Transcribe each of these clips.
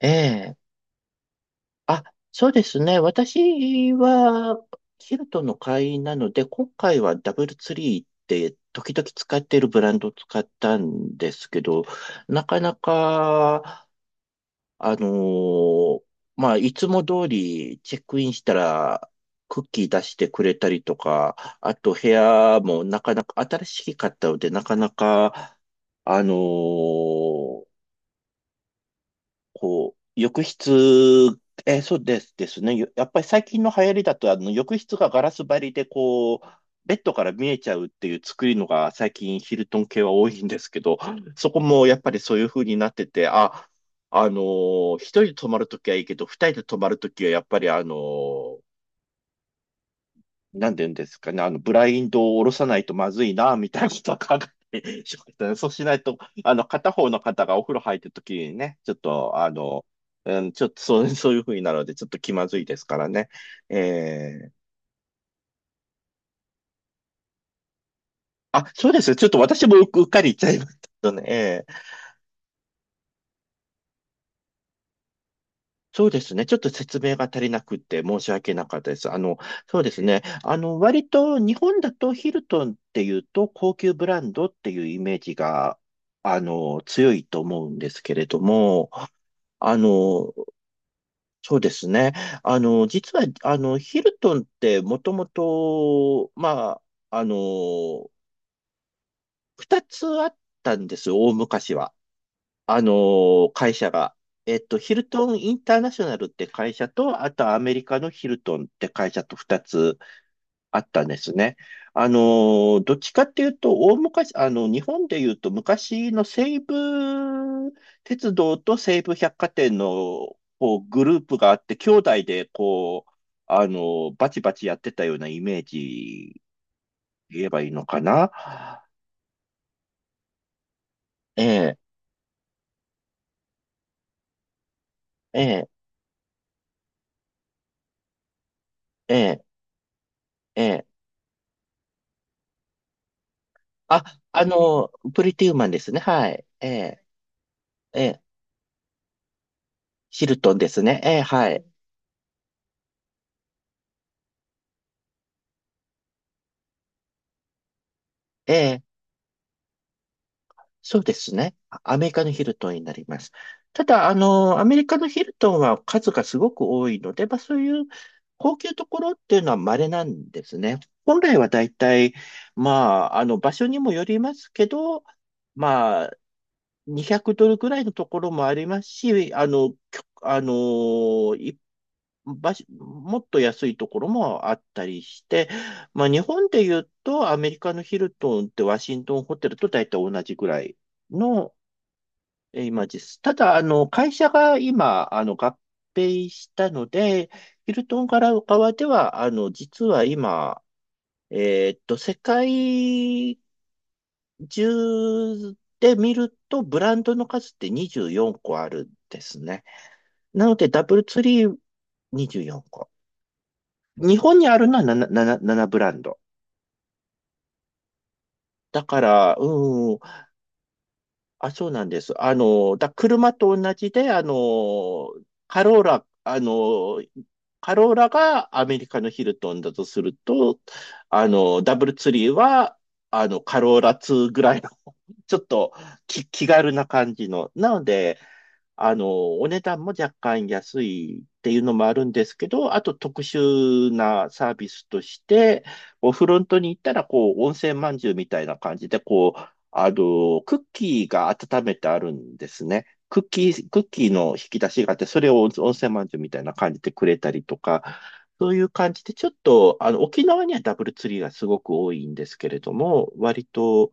ええ。あ、そうですね。私は、ヒルトンの会員なので、今回はダブルツリーって時々使っているブランドを使ったんですけど、なかなか、あのーまあ、いつも通りチェックインしたら、クッキー出してくれたりとか、あと部屋もなかなか新しかったので、なかなか、あのーこう、浴室、そうですね。やっぱり最近の流行りだと、あの、浴室がガラス張りで、こう、ベッドから見えちゃうっていう作りのが最近ヒルトン系は多いんですけど、そこもやっぱりそういう風になってて、あ、一人で泊まるときはいいけど、二人で泊まるときはやっぱりなんて言うんですかね、あの、ブラインドを下ろさないとまずいな、みたいなことを考えてしまったね。そうしないと、あの、片方の方がお風呂入ってるときにね、ちょっと、あの、うん、ちょっとそういうふうになるので、ちょっと気まずいですからね。えーあ、そうです。ちょっと私もううっかり言っちゃいましたね。そうですね。ちょっと説明が足りなくて申し訳なかったです。あの、そうですね。あの、割と日本だとヒルトンっていうと高級ブランドっていうイメージが、あの、強いと思うんですけれども、あの、そうですね。あの、実は、あの、ヒルトンってもともと、まあ、あの、二つあったんですよ、大昔は。会社が。えっと、ヒルトンインターナショナルって会社と、あとアメリカのヒルトンって会社と2つあったんですね。あのどっちかっていうと、大昔、あの、日本で言うと昔の西武鉄道と西武百貨店のこうグループがあって、兄弟でこう、あのバチバチやってたようなイメージ言えばいいのかな。ええ、ええ、ええ、ええ。あ、あの、プリティウーマンですね。はい。ええ、ええ、ヒルトンですね。ええ、はい。ええ、そうですね。アメリカのヒルトンになります。ただ、あの、アメリカのヒルトンは数がすごく多いので、まあそういう高級ところっていうのは稀なんですね。本来は大体、まあ、あの、場所にもよりますけど、まあ、200ドルぐらいのところもありますし、あの、きょあのー、い場所もっと安いところもあったりして、まあ日本で言うとアメリカのヒルトンってワシントンホテルと大体同じぐらいのイメージです。ただ、あの、会社が今、あの、合併したので、ヒルトン側では、あの、実は今、世界10で見ると、ブランドの数って24個あるんですね。なので、ダブルツリー24個。日本にあるのは 7, 7, 7ブランド。だから、うん、あ、そうなんです。あの、車と同じで、あの、カローラ、あの、カローラがアメリカのヒルトンだとすると、あの、ダブルツリーは、あの、カローラ2ぐらいの、ちょっと気軽な感じの。なので、あの、お値段も若干安いっていうのもあるんですけど、あと特殊なサービスとして、フロントに行ったら、こう、温泉まんじゅうみたいな感じで、こう、あの、クッキーが温めてあるんですね。クッキーの引き出しがあって、それを温泉まんじゅうみたいな感じでくれたりとか、そういう感じで、ちょっと、あの、沖縄にはダブルツリーがすごく多いんですけれども、割と、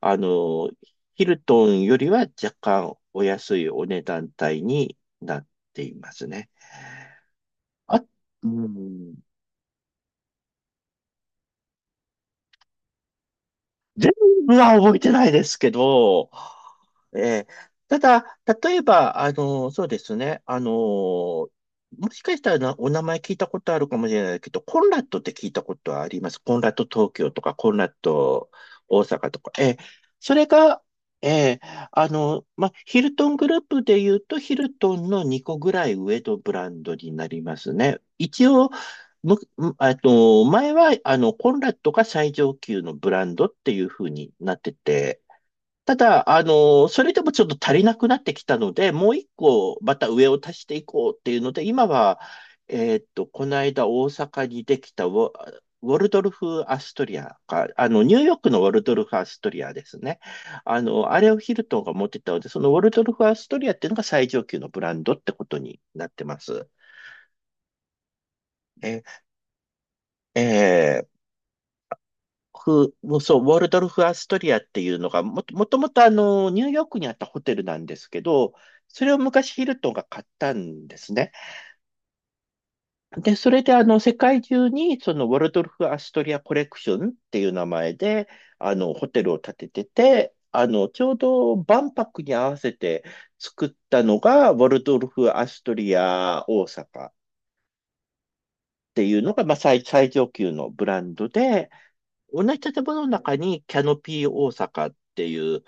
あの、ヒルトンよりは若干お安いお値段帯になっていますね。あ、うん。全部は覚えてないですけど、えーただ、例えば、あの、そうですね、あの、もしかしたらお名前聞いたことあるかもしれないけど、コンラッドって聞いたことはあります。コンラッド東京とか、コンラッド大阪とか。それが、えーあの、ま、ヒルトングループで言うと、ヒルトンの2個ぐらい上のブランドになりますね。一応、む、むえっと、前は、あの、コンラッドが最上級のブランドっていう風になってて、ただ、あの、それでもちょっと足りなくなってきたので、もう一個、また上を足していこうっていうので、今は、この間大阪にできたウォルドルフ・アストリアか、あの、ニューヨークのウォルドルフ・アストリアですね。あの、あれをヒルトンが持ってたので、そのウォルドルフ・アストリアっていうのが最上級のブランドってことになってます。え、えフ、そう、ウォルドルフ・アストリアっていうのがもともとあの、ニューヨークにあったホテルなんですけど、それを昔ヒルトンが買ったんですね。で、それであの、世界中にそのウォルドルフ・アストリアコレクションっていう名前で、あの、ホテルを建ててて、あの、ちょうど万博に合わせて作ったのが、ウォルドルフ・アストリア大阪っていうのが、まあ、最上級のブランドで、同じ建物の中にキャノピー大阪っていう、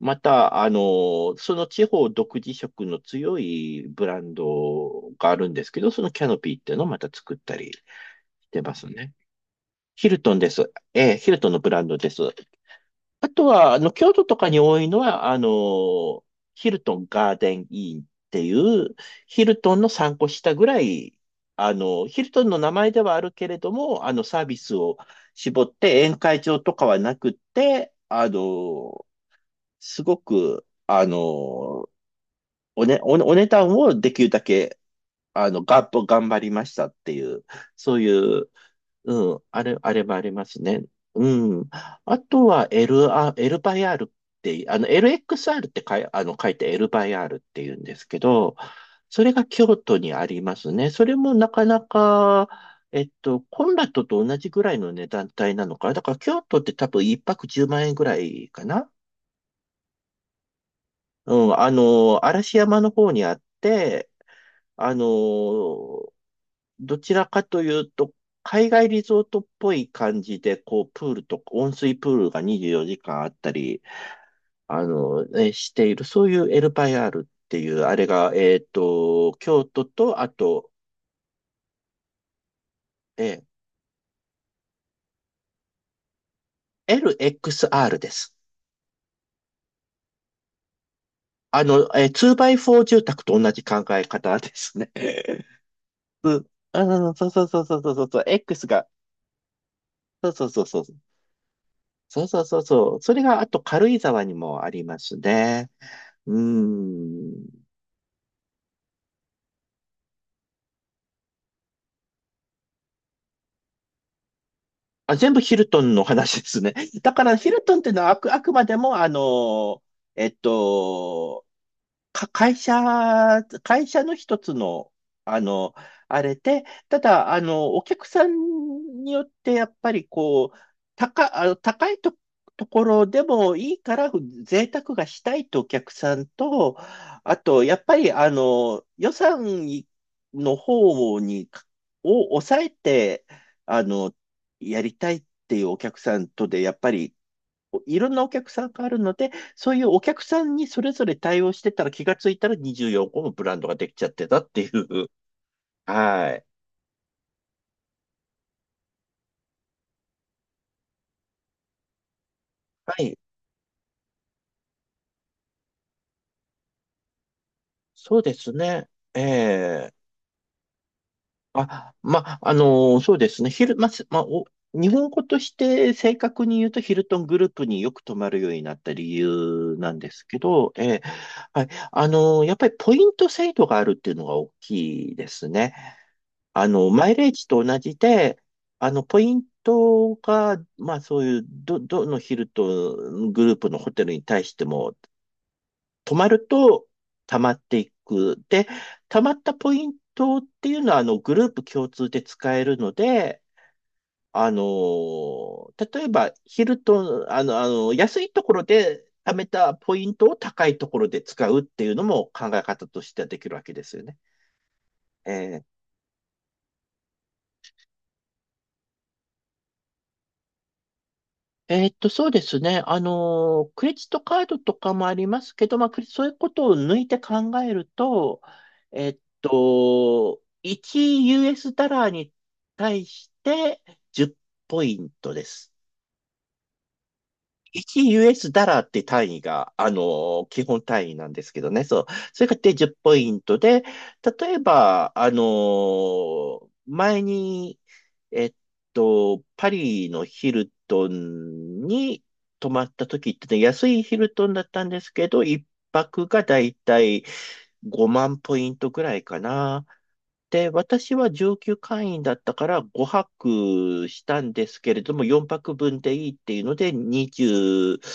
また、あの、その地方独自色の強いブランドがあるんですけど、そのキャノピーっていうのをまた作ったりしてますね。ヒルトンです。ええ、ヒルトンのブランドです。あとは、あの、京都とかに多いのは、あの、ヒルトンガーデンインっていう、ヒルトンの3個下ぐらい、あの、ヒルトンの名前ではあるけれども、あの、サービスを絞って宴会場とかはなくって、あの、すごく、あの、おね、お、お値段をできるだけ、あの、がっと頑張りましたっていう、そういううん、あればありますね。うん。あとは L バイ R って、あの、LXR ってあの、書いて L バイ R って言うんですけど、それが京都にありますね。それもなかなか、コンラットと同じぐらいの値段帯なのかな。だから京都って多分一泊10万円ぐらいかな。うん、あの、嵐山の方にあって、あの、どちらかというと、海外リゾートっぽい感じで、こう、プールとか、温水プールが24時間あったり、あの、ね、している、そういうエルバイアールっていう、あれが、京都と、あと、えLXR です。あの、2ォ4住宅と同じ考え方ですね。うんあそうん、そうそうそうそうそうそう、X が、そうそうそうそう、そうそうそうそう、それがあと軽井沢にもありますね。うーん。あ、全部ヒルトンの話ですね。だからヒルトンっていうのはあくまでも、えっと、か、会社、会社の一つの、あの、あれで。ただ、あの、お客さんによって、やっぱりこう、高、あの、高いと、ところでもいいから贅沢がしたいとお客さんと、あと、やっぱり、あの、予算の方に、を抑えて、あの、やりたいっていうお客さんとで、やっぱりいろんなお客さんがあるので、そういうお客さんにそれぞれ対応してたら気がついたら24個もブランドができちゃってたっていう。はい。はい。そうですね。ええ。あ、ま、あのーそうですね。ヒル、ま、すま、お、日本語として正確に言うとヒルトングループによく泊まるようになった理由なんですけど、ええ。はい。やっぱりポイント制度があるっていうのが大きいですね。あの、マイレージと同じで、あの、ポイントが、まあそういう、どのヒルとグループのホテルに対しても、泊まると溜まっていく。で、溜まったポイントっていうのは、あの、グループ共通で使えるので、あの、例えば、ヒルと、あの、あの、安いところで貯めたポイントを高いところで使うっていうのも考え方としてはできるわけですよね。えそうですね。クレジットカードとかもありますけど、まあ、そういうことを抜いて考えると、1US ダラーに対して10ポイントです。1US ダラーって単位が、あの、基本単位なんですけどね。そう。それがで10ポイントで、例えば、あの、前に、えっパリのヒルトンに泊まった時ってね、安いヒルトンだったんですけど、一泊がだいたい5万ポイントぐらいかな。で、私は上級会員だったから5泊したんですけれども、4泊分でいいっていうので20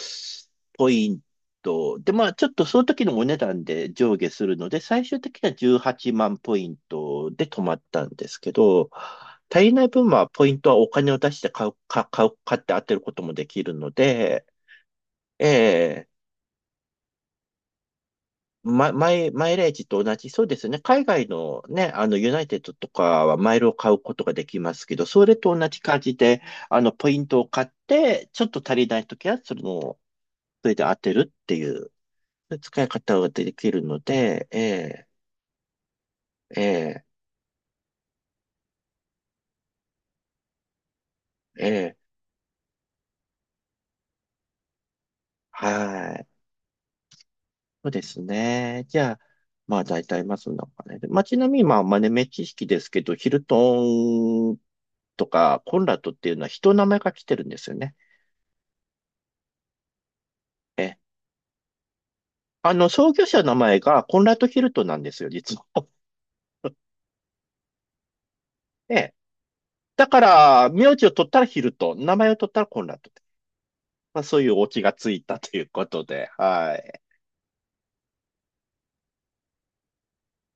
ポイント。で、まあちょっとその時のお値段で上下するので、最終的には18万ポイントで止まったんですけど、足りない分はポイントはお金を出して買う、か、買う、買って当てることもできるので、ええ。マイレージと同じ、そうですね。海外のね、あの、ユナイテッドとかはマイルを買うことができますけど、それと同じ感じで、あの、ポイントを買って、ちょっと足りないときは、それで当てるっていう、そういう使い方ができるので、ええ、ええ、ええ、はい。そうですね。じゃあ、まあ、大体、まあ、そんなお金で。まあ、ちなみに、まあ、豆目知識ですけど、ヒルトンとか、コンラッドっていうのは人の名前が来てるんですよね。ええ。あの、創業者の名前がコンラッド・ヒルトンなんですよ、実は。ね。だから、名字を取ったらヒルトン、名前を取ったらコンラッドって。まあ、そういうオチがついたということで、はい。